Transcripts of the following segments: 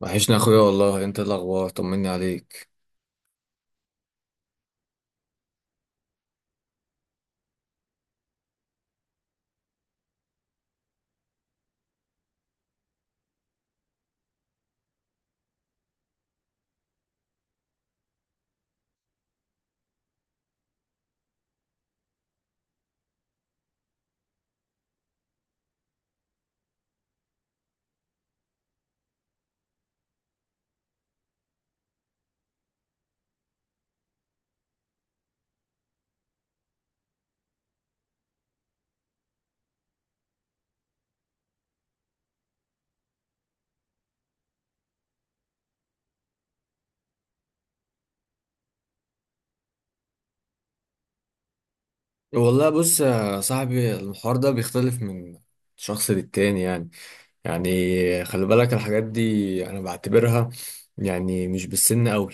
وحشنا يا اخويا، والله انت إيه الاخبار؟ طمني عليك. والله بص يا صاحبي، الحوار ده بيختلف من شخص للتاني يعني خلي بالك الحاجات دي انا بعتبرها يعني مش بالسن قوي.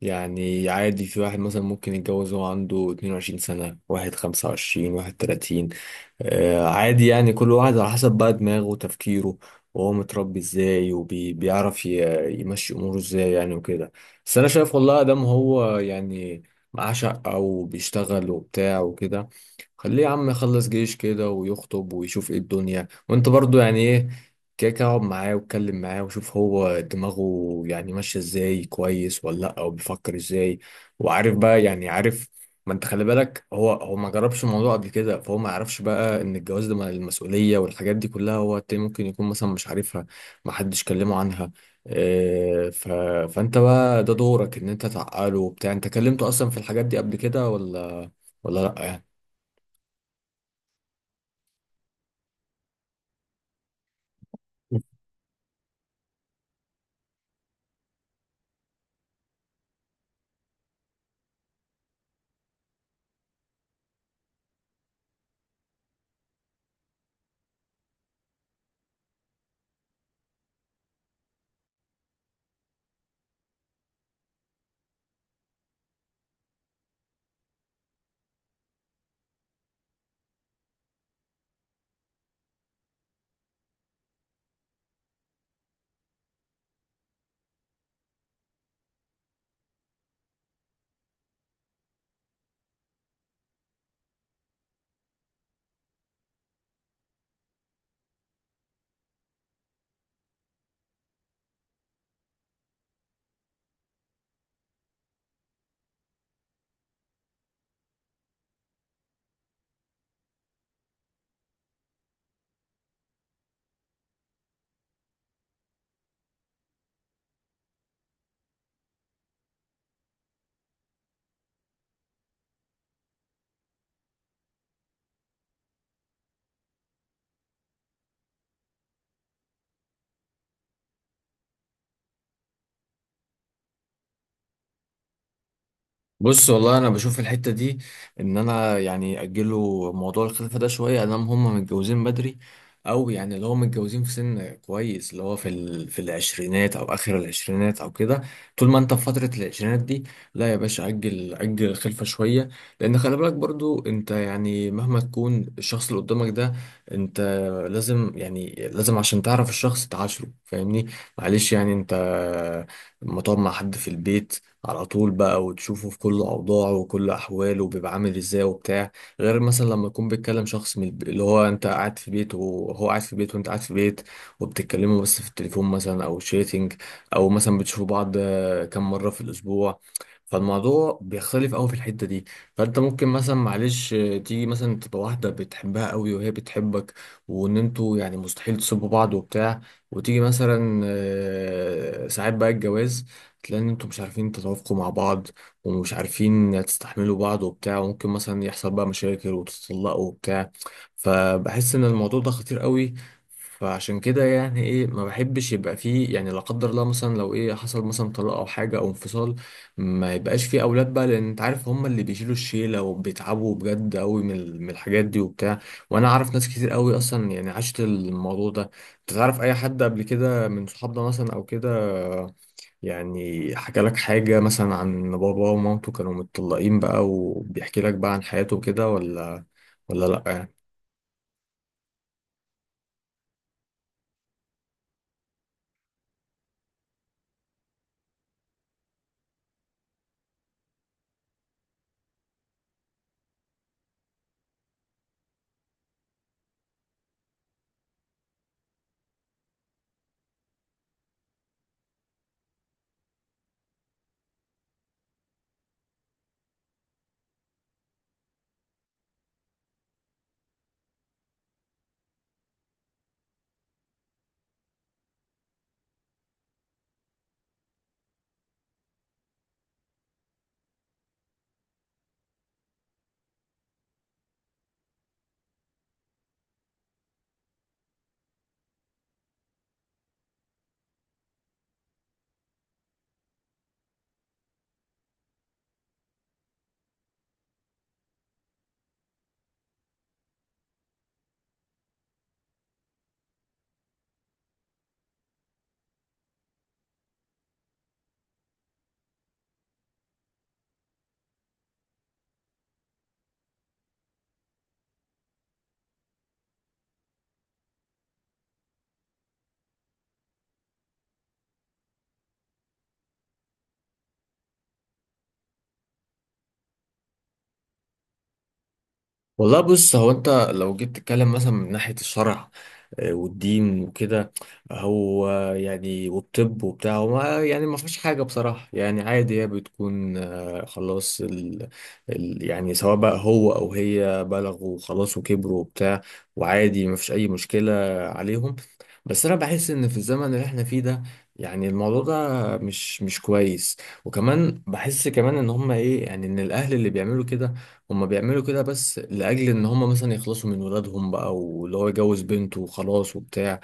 يعني عادي، في واحد مثلا ممكن يتجوز وهو عنده 22 سنة، واحد 25، واحد 30. عادي يعني كل واحد على حسب بقى دماغه وتفكيره، وهو متربي ازاي وبيعرف يمشي اموره ازاي يعني وكده. بس انا شايف والله ادم هو يعني معاه شقة وبيشتغل وبتاع وكده. خليه يا عم يخلص جيش كده ويخطب ويشوف ايه الدنيا، وانت برضو يعني ايه، كده كده اقعد معاه واتكلم معاه وشوف هو دماغه يعني ماشية ازاي كويس ولا لأ، او بيفكر ازاي وعارف بقى يعني عارف. ما انت خلي بالك، هو ما جربش الموضوع قبل كده، فهو ما يعرفش بقى ان الجواز ده مع المسؤوليه والحاجات دي كلها، هو التاني ممكن يكون مثلا مش عارفها، ما حدش كلمه عنها. اه ف... فانت بقى ده دورك ان انت تعقله وبتاع، انت كلمته اصلا في الحاجات دي قبل كده ولا لا يعني؟ بص والله، انا بشوف الحته دي ان انا يعني اجله موضوع الخلفه ده شويه، ادام هم متجوزين بدري، او يعني اللي هو متجوزين في سن كويس، اللي هو في العشرينات او اخر العشرينات او كده. طول ما انت في فتره العشرينات دي، لا يا باشا، اجل اجل الخلفه شويه، لان خلي بالك برضو انت يعني مهما تكون الشخص اللي قدامك ده، انت لازم يعني لازم، عشان تعرف الشخص تعاشره، فاهمني؟ معلش يعني انت لما تقعد مع حد في البيت على طول بقى، وتشوفه في كل أوضاعه وكل أحواله وبيبقى عامل إزاي وبتاع، غير مثلا لما يكون بيتكلم شخص اللي هو أنت قاعد في بيت وهو قاعد في بيت وأنت قاعد في بيت، وبتتكلموا بس في التليفون مثلا أو شيتنج، أو مثلا بتشوفوا بعض كم مرة في الأسبوع. فالموضوع بيختلف قوي في الحتة دي. فأنت ممكن مثلا معلش تيجي مثلا تبقى واحدة بتحبها قوي وهي بتحبك، وإن أنتوا يعني مستحيل تسيبوا بعض وبتاع، وتيجي مثلا ساعات بقى الجواز، تلاقي ان انتوا مش عارفين تتوافقوا مع بعض، ومش عارفين تستحملوا بعض وبتاع، وممكن مثلا يحصل بقى مشاكل وتتطلقوا وبتاع. فبحس ان الموضوع ده خطير قوي. فعشان كده يعني ايه، ما بحبش يبقى فيه يعني، لا قدر الله، مثلا لو ايه حصل مثلا طلاق او حاجه او انفصال، ما يبقاش فيه اولاد بقى، لان انت عارف هم اللي بيشيلوا الشيله وبيتعبوا بجد قوي من الحاجات دي وبتاع. وانا اعرف ناس كتير قوي اصلا يعني عاشت الموضوع ده. انت تعرف اي حد قبل كده من صحابنا مثلا او كده يعني حكى لك حاجة مثلا عن بابا ومامته كانوا متطلقين بقى، وبيحكي لك بقى عن حياته كده ولا لأ يعني؟ والله بص، هو أنت لو جيت تتكلم مثلا من ناحية الشرع والدين وكده، هو يعني والطب وبتاع، هو يعني ما فيش حاجة بصراحة يعني عادي، هي بتكون خلاص، يعني سواء بقى هو أو هي بلغوا خلاص وكبروا وبتاع، وعادي ما فيش أي مشكلة عليهم. بس أنا بحس إن في الزمن اللي احنا فيه ده، يعني الموضوع ده مش كويس. وكمان بحس كمان إن هما إيه يعني، إن الأهل اللي بيعملوا كده، هما بيعملوا كده بس لأجل إن هما مثلا يخلصوا من ولادهم بقى، واللي هو يجوز بنته وخلاص وبتاع.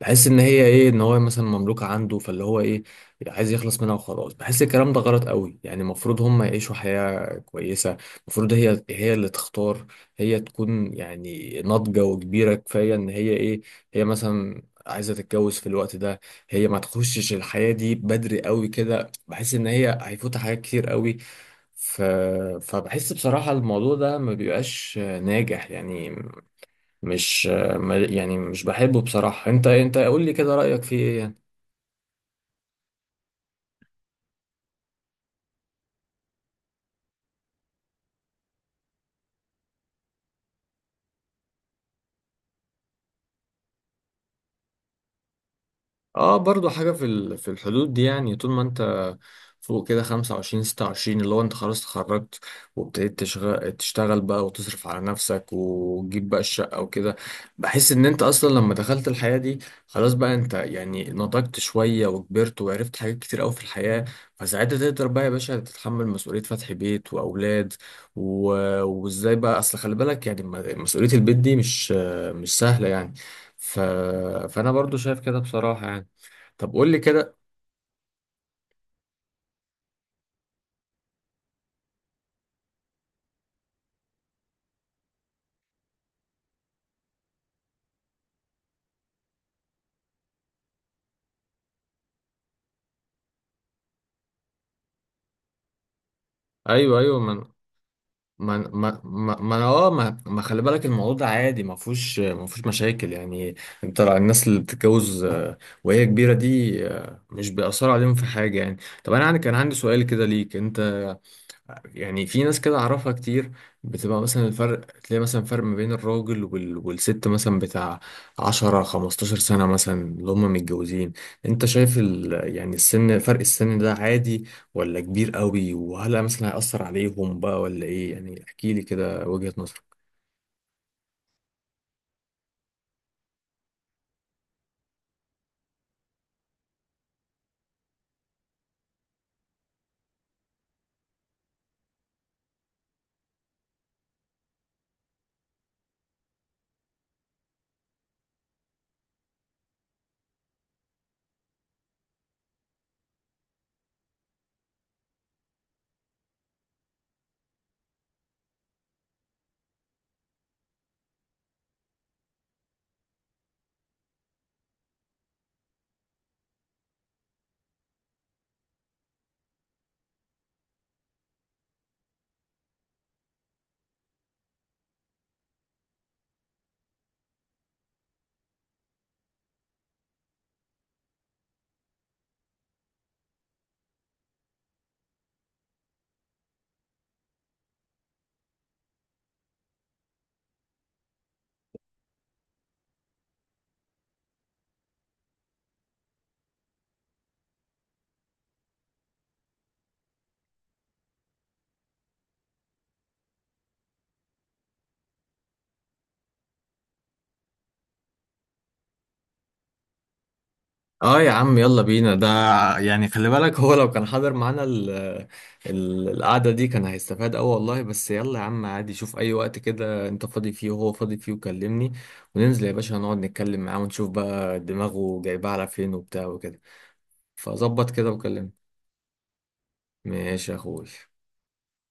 بحس إن هي إيه، إن هو مثلا مملوكة عنده، فاللي هو إيه عايز يخلص منها وخلاص. بحس الكلام ده غلط قوي، يعني المفروض هما يعيشوا حياة كويسة. المفروض هي اللي تختار، هي تكون يعني ناضجة وكبيرة كفاية إن هي إيه، هي مثلا عايزة تتجوز في الوقت ده. هي ما تخشش الحياة دي بدري قوي كده، بحس إن هي هيفوتها حاجات كتير قوي. ف... فبحس بصراحة الموضوع ده ما بيبقاش ناجح يعني. مش ما- يعني مش بحبه بصراحة. انت قول لي كده رأيك فيه ايه؟ اه، برضو حاجة في الحدود دي يعني، طول ما انت فوق كده 25 26، اللي هو انت خلاص اتخرجت، وابتديت تشتغل بقى، وتصرف على نفسك، وتجيب بقى الشقة وكده. بحس ان انت اصلا لما دخلت الحياة دي، خلاص بقى انت يعني نضجت شوية وكبرت وعرفت حاجات كتير قوي في الحياة، فساعتها تقدر بقى يا باشا تتحمل مسؤولية فتح بيت واولاد. و... وازاي بقى، اصل خلي بالك يعني مسؤولية البيت دي مش سهلة يعني. ف... فانا برضو شايف كده بصراحة يعني. طب قول لي كده. ايوه ايوه، ما انا، ما خلي بالك الموضوع ده عادي، ما فيهوش مشاكل يعني. انت الناس اللي بتتجوز وهي كبيره دي، مش بيأثر عليهم في حاجه يعني. طب انا كان عندي سؤال كده ليك انت. يعني في ناس كده اعرفها كتير، بتبقى مثلا الفرق، تلاقي مثلا فرق ما بين الراجل والست مثلا بتاع 10 15 سنة مثلا، اللي هم متجوزين. انت شايف يعني فرق السن ده عادي ولا كبير قوي، وهل مثلا هيأثر عليهم بقى ولا ايه يعني؟ احكيلي كده وجهة نظرك. اه، يا عم يلا بينا ده، يعني خلي بالك هو لو كان حاضر معانا ال القعدة دي، كان هيستفاد اوي والله. بس يلا يا عم عادي، شوف اي وقت كده انت فاضي فيه وهو فاضي فيه، وكلمني. وننزل يا باشا نقعد نتكلم معاه ونشوف بقى دماغه جايبها على فين وبتاع وكده. فظبط كده وكلمني. ماشي يا اخوي.